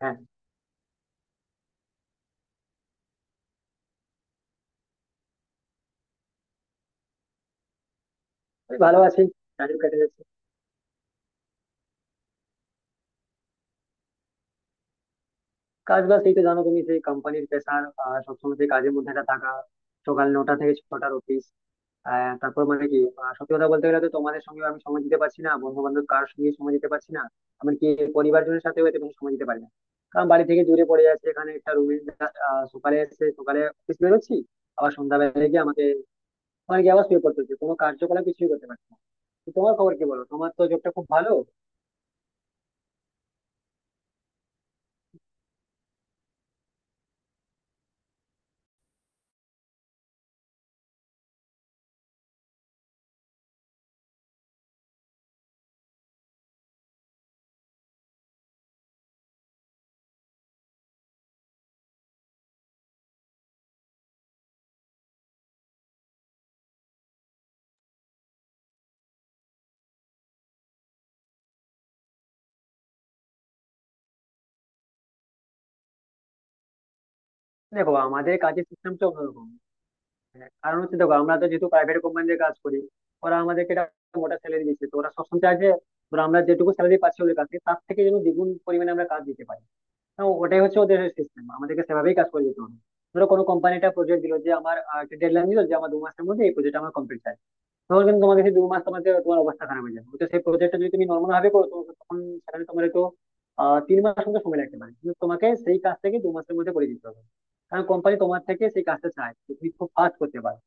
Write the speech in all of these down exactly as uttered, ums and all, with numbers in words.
হ্যাঁ, আমি ভালো আছি। টাইম কেটে যাচ্ছে। কাজ বাজ এই তো জানো তুমি, সেই কোম্পানির প্রেশার, সবসময় সেই কাজের মধ্যে একটা থাকা। সকাল নটা থেকে ছটার অফিস। তারপর মানে কি আহ, সত্যি কথা বলতে গেলে তো তোমাদের সঙ্গে আমি সময় দিতে পারছি না, বন্ধু বান্ধব কারোর সঙ্গে সময় দিতে পারছি না। এমনকি পরিবারজনের সাথেও এতে কোনো সময় দিতে পারি না, কারণ বাড়ি থেকে দূরে পড়ে যাচ্ছে, এখানে একটা রুমে সকালে এসে সকালে অফিস বেরোচ্ছি, আবার সন্ধ্যাবেলা গিয়ে আমাকে মানে কি আবার শুয়ে পড়তে হচ্ছে, কোনো কার্যকলাপ কিছুই করতে পারছি না। তো তোমার খবর কি বলো, তোমার তো জবটা খুব ভালো। দেখো, আমাদের কাজের সিস্টেমটা অন্যরকম। হ্যাঁ, কারণ হচ্ছে দেখো আমরা তো যেহেতু প্রাইভেট কোম্পানিতে কাজ করি, ওরা আমাদেরকে একটা মোটা স্যালারি দিচ্ছে, তো ওরা সবসময় চায় যে ধরো আমরা যেটুকু স্যালারি পাচ্ছি ওদের কাছে তার থেকে যেন দ্বিগুণ পরিমাণে আমরা কাজ দিতে পারি। তো ওটাই হচ্ছে ওদের সিস্টেম, আমাদেরকে সেভাবেই কাজ করে যেতে হবে। ধরো, কোনো কোম্পানি একটা প্রজেক্ট দিল, যে আমার আহ, একটা ডেডলাইন দিল যে আমার দু মাসের মধ্যে এই প্রজেক্ট আমার কমপ্লিট চাই। তখন কিন্তু তোমাদের সেই দু মাস তোমাকে তোমার অবস্থা খারাপ হয়ে যাবে। তো সেই প্রজেক্টটা যদি তুমি নর্মাল ভাবে করো, তো তখন সেখানে তোমার তো আহ তিন মাস মতো সময় লাগতে পারে, কিন্তু তোমাকে সেই কাজ থেকে দু মাসের মধ্যে করে দিতে হবে, কারণ কোম্পানি তোমার থেকে সেই কাজটা চায় যে তুমি খুব ফাস্ট করতে পারো।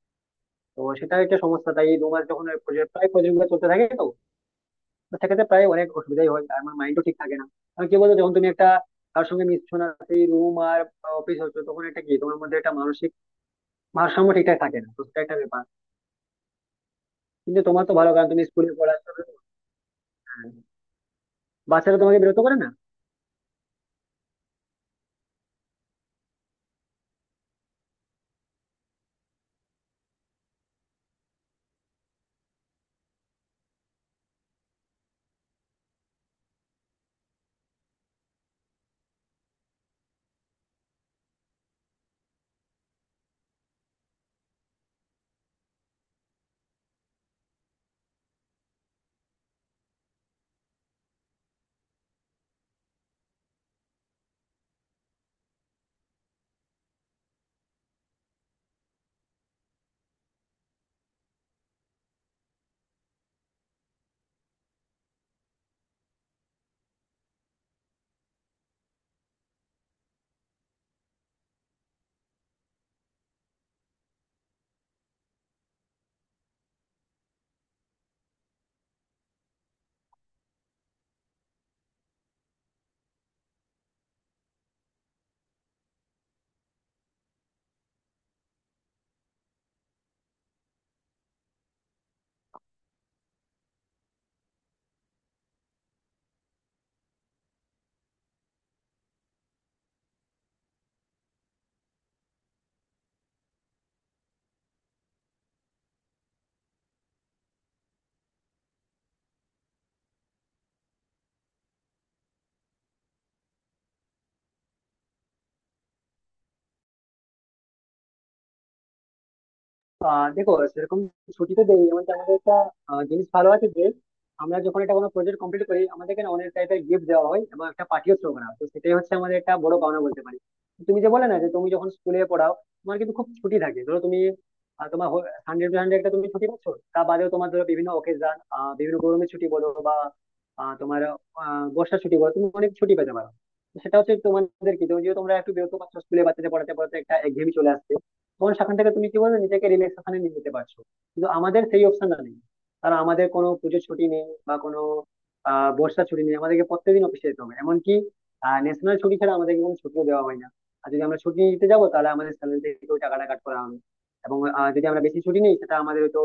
তো সেটা একটা সমস্যা। তাই এই দু মাস যখন প্রজেক্ট প্রায় প্রজেক্ট গুলো চলতে থাকে তো, তো সেক্ষেত্রে প্রায় অনেক অসুবিধাই হয়, আর আমার মাইন্ডও ঠিক থাকে না। কারণ কি বলতো, যখন তুমি একটা কার সঙ্গে মিশছো না, সেই রুম আর অফিস হচ্ছে, তখন একটা কি তোমার মধ্যে একটা মানসিক ভারসাম্য ঠিকঠাক থাকে না। তো সেটা একটা ব্যাপার। কিন্তু তোমার তো ভালো, কারণ তুমি স্কুলে পড়াশোনা। হ্যাঁ, বাচ্চারা তোমাকে বিরক্ত করে না। আহ দেখো, সেরকম ছুটি তো দেই। এমনকি আমাদের একটা আহ, জিনিস ভালো আছে যে আমরা যখন একটা কোনো প্রজেক্ট কমপ্লিট করি, আমাদেরকে না অনেক টাইপের গিফট দেওয়া হয় এবং একটা পার্টিও থ্রো করা হয়। তো সেটাই হচ্ছে আমাদের একটা বড় পাওনা বলতে পারি। তুমি যে বলে না, যে তুমি যখন স্কুলে পড়াও, তোমার কিন্তু খুব ছুটি থাকে। ধরো তুমি আহ, তোমার হান্ড্রেড টু হান্ড্রেড একটা তুমি ছুটি পাচ্ছ। তা বাদেও তোমার ধরো বিভিন্ন অকেশন, বিভিন্ন গরমের ছুটি বলো বা আহ, তোমার আহ, বর্ষার ছুটি বলো, তুমি অনেক ছুটি পেতে পারো। তো সেটা হচ্ছে তোমাদের কি, যদিও তোমরা একটু বিরক্ত পাচ্ছ স্কুলে বাচ্চাদের পড়াতে পড়াতে একটা একঘেয়েমি চলে আসছে, তখন সেখান থেকে তুমি কি বলবে, নিজেকে রিল্যাক্সেশনে নিয়ে যেতে পারছো। কিন্তু আমাদের সেই অপশনটা নেই, কারণ আমাদের কোনো পুজোর ছুটি নেই বা কোনো আহ বর্ষার ছুটি নেই, আমাদেরকে প্রত্যেকদিন অফিসে যেতে হবে। এমনকি ন্যাশনাল ছুটি ছাড়া আমাদেরকে কোনো ছুটিও দেওয়া হয় না। আর যদি আমরা ছুটি নিতে যাবো, তাহলে আমাদের স্যালারি থেকেও টাকাটা কাট করা হবে, এবং আহ, যদি আমরা বেশি ছুটি নিই সেটা আমাদের হয়তো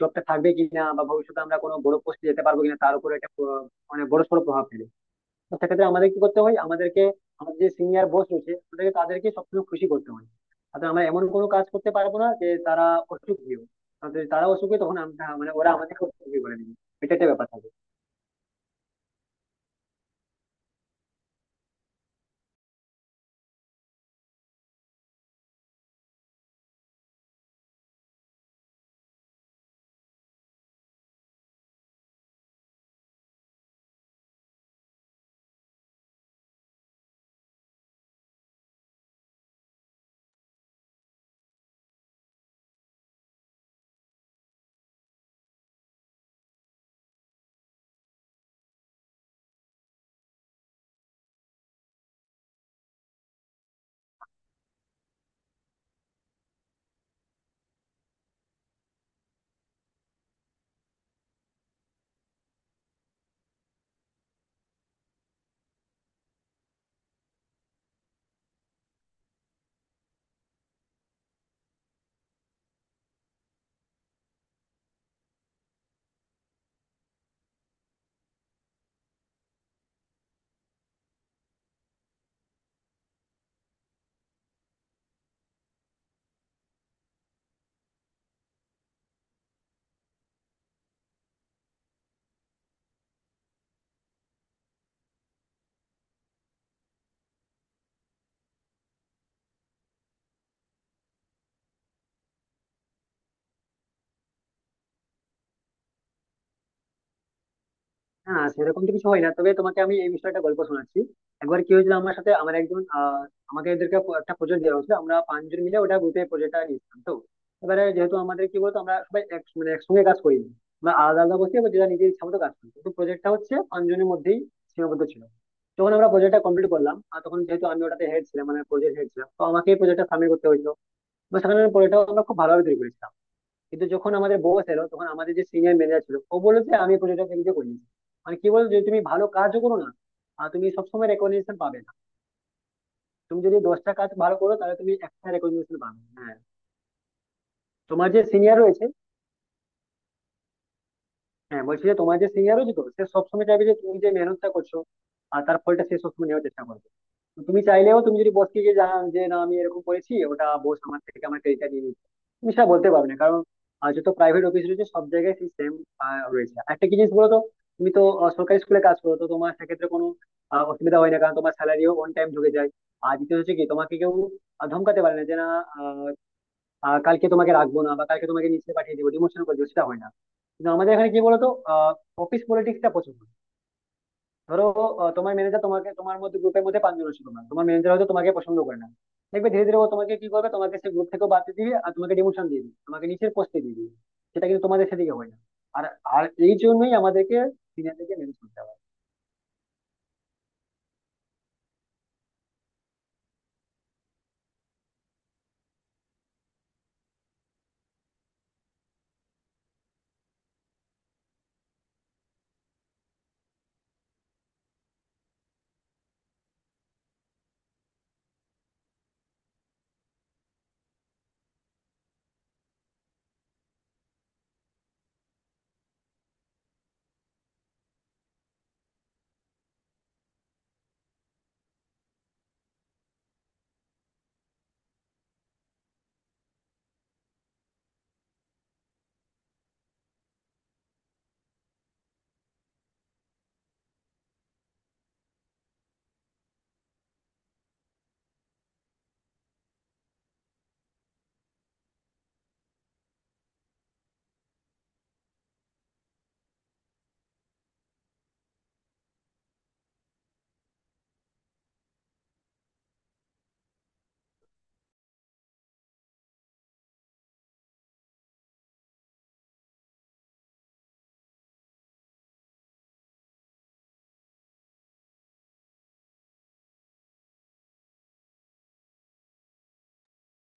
জবটা থাকবে কিনা বা ভবিষ্যতে আমরা কোনো বড় পোস্টে যেতে পারবো কিনা, তার উপর একটা প্র- মানে বড় সড় প্রভাব ফেলে। তো সেক্ষেত্রে আমাদের কি করতে হয়, আমাদেরকে আমাদের যে সিনিয়র বস রয়েছে ওদেরকে, তাদেরকে সবসময় খুশি করতে হয়। অর্থাৎ আমরা এমন কোনো কাজ করতে পারবো না যে তারা অসুখী হোক। অর্থাৎ যদি তারা অসুখী, তখন আমরা মানে ওরা আমাদেরকে অসুখী করে দিবে। এটা একটা ব্যাপার থাকে। না, সেরকম তো কিছু হয় না, তবে তোমাকে আমি এই বিষয়ে একটা গল্প শোনাচ্ছি। একবার কি হয়েছিল আমার সাথে, আমার একজন আহ, আমাকে এদেরকে প- একটা প্রজেক্ট দেওয়া হয়েছিল, আমরা পাঁচজন মিলে ওটা গ্রুপে প্রজেক্টটা নিয়েছিলাম। তো এবারে যেহেতু আমাদের কি বলতো, আমরা সবাই এক মানে একসঙ্গে কাজ করি না। আমরা আলাদা আলাদা বসে এবার যেটা নিজের ইচ্ছা মতো কাজ করি, কিন্তু প্রজেক্টটা হচ্ছে পাঁচজনের মধ্যেই সীমাবদ্ধ ছিল। যখন আমরা প্রজেক্টটা কমপ্লিট করলাম, আর তখন যেহেতু আমি ওটাতে হেড ছিলাম মানে প্রজেক্ট হেড ছিলাম, তো আমাকে এই প্রজেক্টটা সাবমিট করতে হয়েছিল বা সেখানে প্রজেক্টটা আমরা খুব ভালোভাবে তৈরি করেছিলাম। কিন্তু যখন আমাদের বস এলো, তখন আমাদের যে সিনিয়র ম্যানেজার ছিল ও বললো যে আমি প্রজেক্টটা নিজে করে নিচ্ছি। মানে কি বলতো, যদি তুমি ভালো কাজও করো না, আর তুমি সবসময় রেকগনিশন পাবে না। তুমি যদি দশটা কাজ ভালো করো, তাহলে তুমি একটা রেকগনিশন পাবে। হ্যাঁ, তোমার যে সিনিয়র রয়েছে, হ্যাঁ বলছি যে তোমার যে সিনিয়র রয়েছে, তো সে সবসময় চাইবে যে তুমি যে মেহনতটা করছো আর তার ফলটা সে সবসময় নেওয়ার চেষ্টা করবে। তো তুমি চাইলেও, তুমি যদি বসকে গিয়ে জানান যে না আমি এরকম করেছি ওটা বস আমার থেকে আমার ক্রেডিটটা নিয়ে নিচ্ছে, তুমি সেটা বলতে পারবে না। কারণ আহ, যত প্রাইভেট অফিস রয়েছে সব জায়গায় সেই সেম রয়েছে। একটা কি জিনিস বলো তো, তুমি তো আহ, সরকারি স্কুলে কাজ করো, তো তোমার সেক্ষেত্রে কোনো আহ, অসুবিধা হয় না, কারণ তোমার স্যালারিও অন টাইম ঢুকে যায়। আর দ্বিতীয় হচ্ছে কি, তোমাকে কেউ আহ, ধমকাতে পারে না যে না আহ, আহ, কালকে তোমাকে রাখবো না বা কালকে তোমাকে নিচে পাঠিয়ে দিবো, ডিমোশন করে দিবো, সেটা হয় না। কিন্তু আমাদের এখানে কি বলতো, অফিস পলিটিক্সটা প্রচুর। ধরো আহ, তোমার ম্যানেজার তোমাকে, তোমার মধ্যে গ্রুপের মধ্যে পাঁচজন আছে, তোমার তোমার ম্যানেজার হয়তো তোমাকে পছন্দ করে না। দেখবে ধীরে ধীরে ও তোমাকে কি করবে, তোমাকে সেই গ্রুপ থেকে বাদ দিয়ে দিবে আর তোমাকে ডিমোশন দিয়ে দিবে, তোমাকে নিচের পোস্টে দিয়ে দিবে। সেটা কিন্তু তোমাদের সেদিকে হয় না। আর আর এই জন্যই আমাদেরকে সিনিয়রদেরকে ম্যানেজ করতে হবে।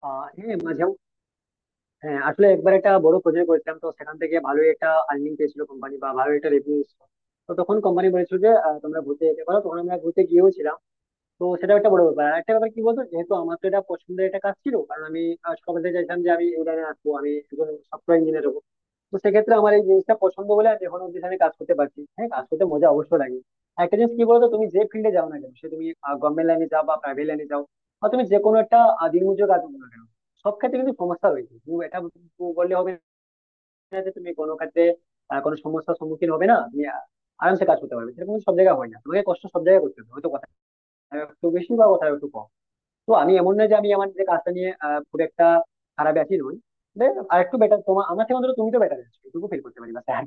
আহ হ্যাঁ, মাঝে, হ্যাঁ আসলে একবার একটা বড় প্রজেক্ট করেছিলাম তো সেখান থেকে ভালোই একটা আর্নিং পেয়েছিল কোম্পানি বা ভালো একটা রেভিনিউ। তো তখন কোম্পানি বলেছিল যে আহ, তোমরা ঘুরতে যেতে পারো, তখন আমরা ঘুরতে গিয়েও ছিলাম। তো সেটা একটা বড় ব্যাপার। আর একটা ব্যাপার কি বলতো, যেহেতু আমার তো এটা পছন্দের একটা কাজ ছিল, কারণ আমি আহ, সকাল থেকে চাইছিলাম যে আমি এই লাইনে আসবো, আমি একজন সফটওয়্যার ইঞ্জিনিয়ার হবো। তো সেক্ষেত্রে আমার এই জিনিসটা পছন্দ বলে আমি এখন অব্দি এখানে কাজ করতে পারছি। হ্যাঁ, কাজ করতে মজা অবশ্যই লাগে। আর একটা জিনিস কি বলতো, তুমি যে ফিল্ডে যাও না কেন, সে তুমি গভর্নমেন্ট লাইনে যাও বা প্রাইভেট লাইনে যাও, বা তুমি যে কোনো একটা আহ, দিনমজুর কাজ করো না কেন, সব ক্ষেত্রে কিন্তু সমস্যা রয়েছে। তুমি এটা বললে হবে না যে তুমি কোনো ক্ষেত্রে আহ, কোনো সমস্যার সম্মুখীন হবে না, তুমি আহ, আরামসে কাজ করতে পারবে, সেরকম কিন্তু সব জায়গায় হয় না। তোমাকে কষ্ট সব জায়গায় করতে হবে, হয়তো কোথাও একটু বেশি বা কোথাও একটু কম। তো আমি এমন না যে আমি আমার যে কাজটা নিয়ে আহ, খুব একটা খারাপ আছি নই। আর একটু বেটার, তোমার আমার থেকে অন্তত তুমি তো বেটার আছো, এটুকু ফিল করতে পারি বা স্যার।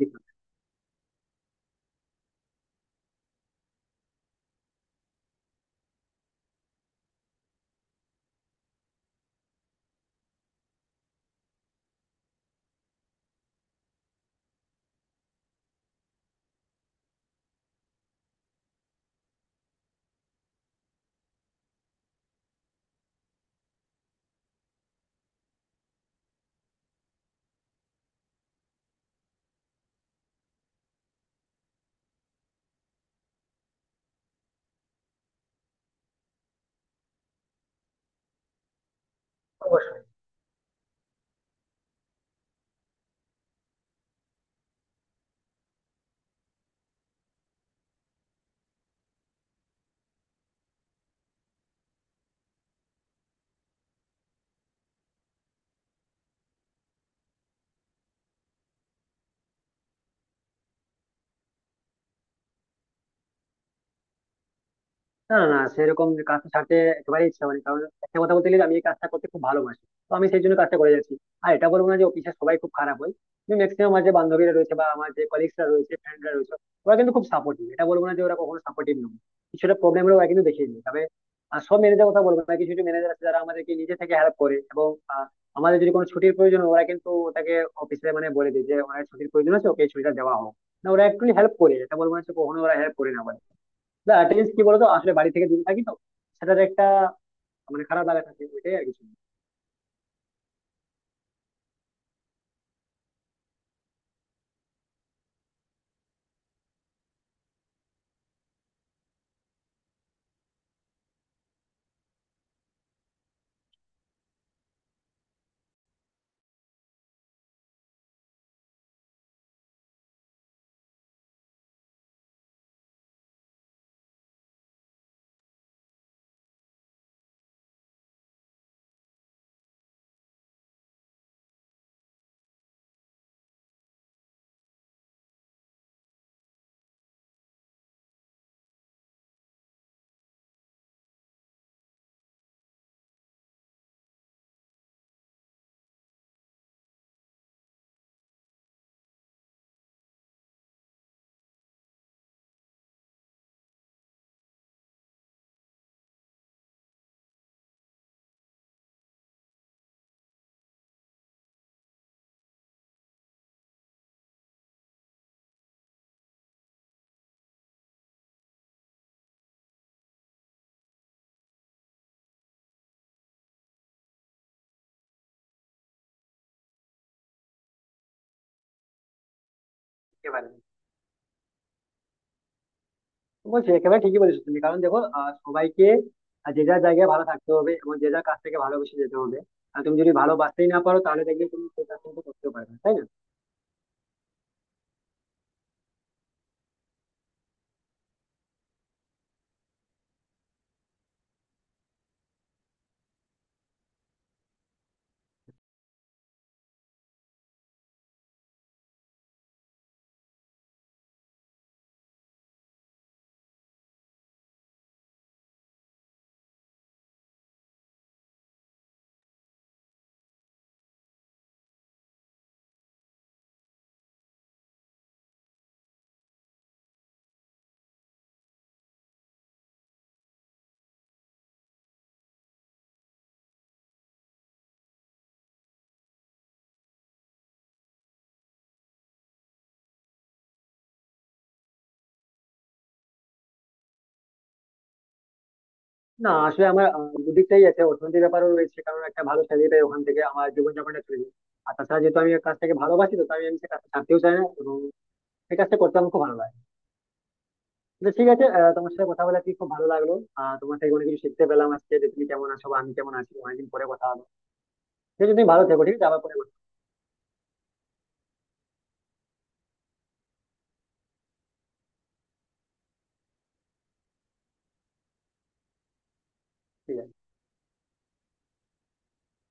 অবশ্যই। না, না, না, সেরকম যে কাজটা ছাড়তে একেবারেই ইচ্ছা হয়নি, কারণ একটা কথা বলতে গেলে আমি এই কাজটা করতে খুব ভালোবাসি, তো আমি সেই জন্য কাজটা করে যাচ্ছি। আর এটা বলবো না যে অফিসে সবাই খুব খারাপ হয়, কিন্তু ম্যাক্সিমাম আমার যে বান্ধবীরা রয়েছে বা আমার যে কলিগসরা রয়েছে, ফ্রেন্ডরা রয়েছে, ওরা কিন্তু খুব সাপোর্টিভ। এটা বলবো না যে ওরা কখনো সাপোর্টিভ নয়। কিছুটা প্রবলেম হলে ওরা কিন্তু দেখিয়ে দেয়। তবে আহ, সব ম্যানেজার কথা বলবো না, কিছু কিছু ম্যানেজার আছে যারা আমাদেরকে নিজে থেকে হেল্প করে, এবং আহ, আমাদের যদি কোনো ছুটির প্রয়োজন হয়, ওরা কিন্তু ওটাকে অফিসে মানে বলে দেয় যে ওনার ছুটির প্রয়োজন আছে, ওকে এই ছুটিটা দেওয়া হোক। না, ওরা একটু হেল্প করে, এটা বলবো না যে কখনো ওরা হেল্প করে না। না, অ্যাটেন্ডেন্স কি বলতো, আসলে বাড়ি থেকে দূরে থাকি তো, সেটার একটা মানে খারাপ লাগা থাকে, ওইটাই আর কিছু না। একেবারে না। বলছি একেবারে ঠিকই বলেছো তুমি, কারণ দেখো আহ, সবাইকে আহ, যে যার জায়গায় ভালো থাকতে হবে এবং যে যার কাছ থেকে ভালোবেসে যেতে হবে। আর তুমি যদি ভালোবাসতেই না পারো, তাহলে দেখবে তুমি সেই কাজ কিন্তু করতেও পারবে না, তাই না? না, আসলে আমার আহ, দুদিকটাই আছে, অর্থনীতির ব্যাপারও রয়েছে, কারণ একটা ভালো স্যালারি পাই, ওখান থেকে আমার জীবনযাপনটা চলে যায়। আর তাছাড়া যেহেতু আমি কাজটাকে ভালোবাসি, তো তাই আমি সে কাজটা ছাড়তেও চাই না, এবং সে কাজটা করতে আমার খুব ভালো লাগে। তো ঠিক আছে, আহ, তোমার সাথে কথা বলে কি খুব ভালো লাগলো। আহ, তোমার থেকে অনেক কিছু শিখতে পেলাম আজকে, যে তুমি কেমন আছো বা আমি কেমন আছি, অনেকদিন পরে কথা হলো। ঠিক আছে, তুমি ভালো থেকো। ঠিক আছে, আবার পরে কথা হবে। ঠিক আছে।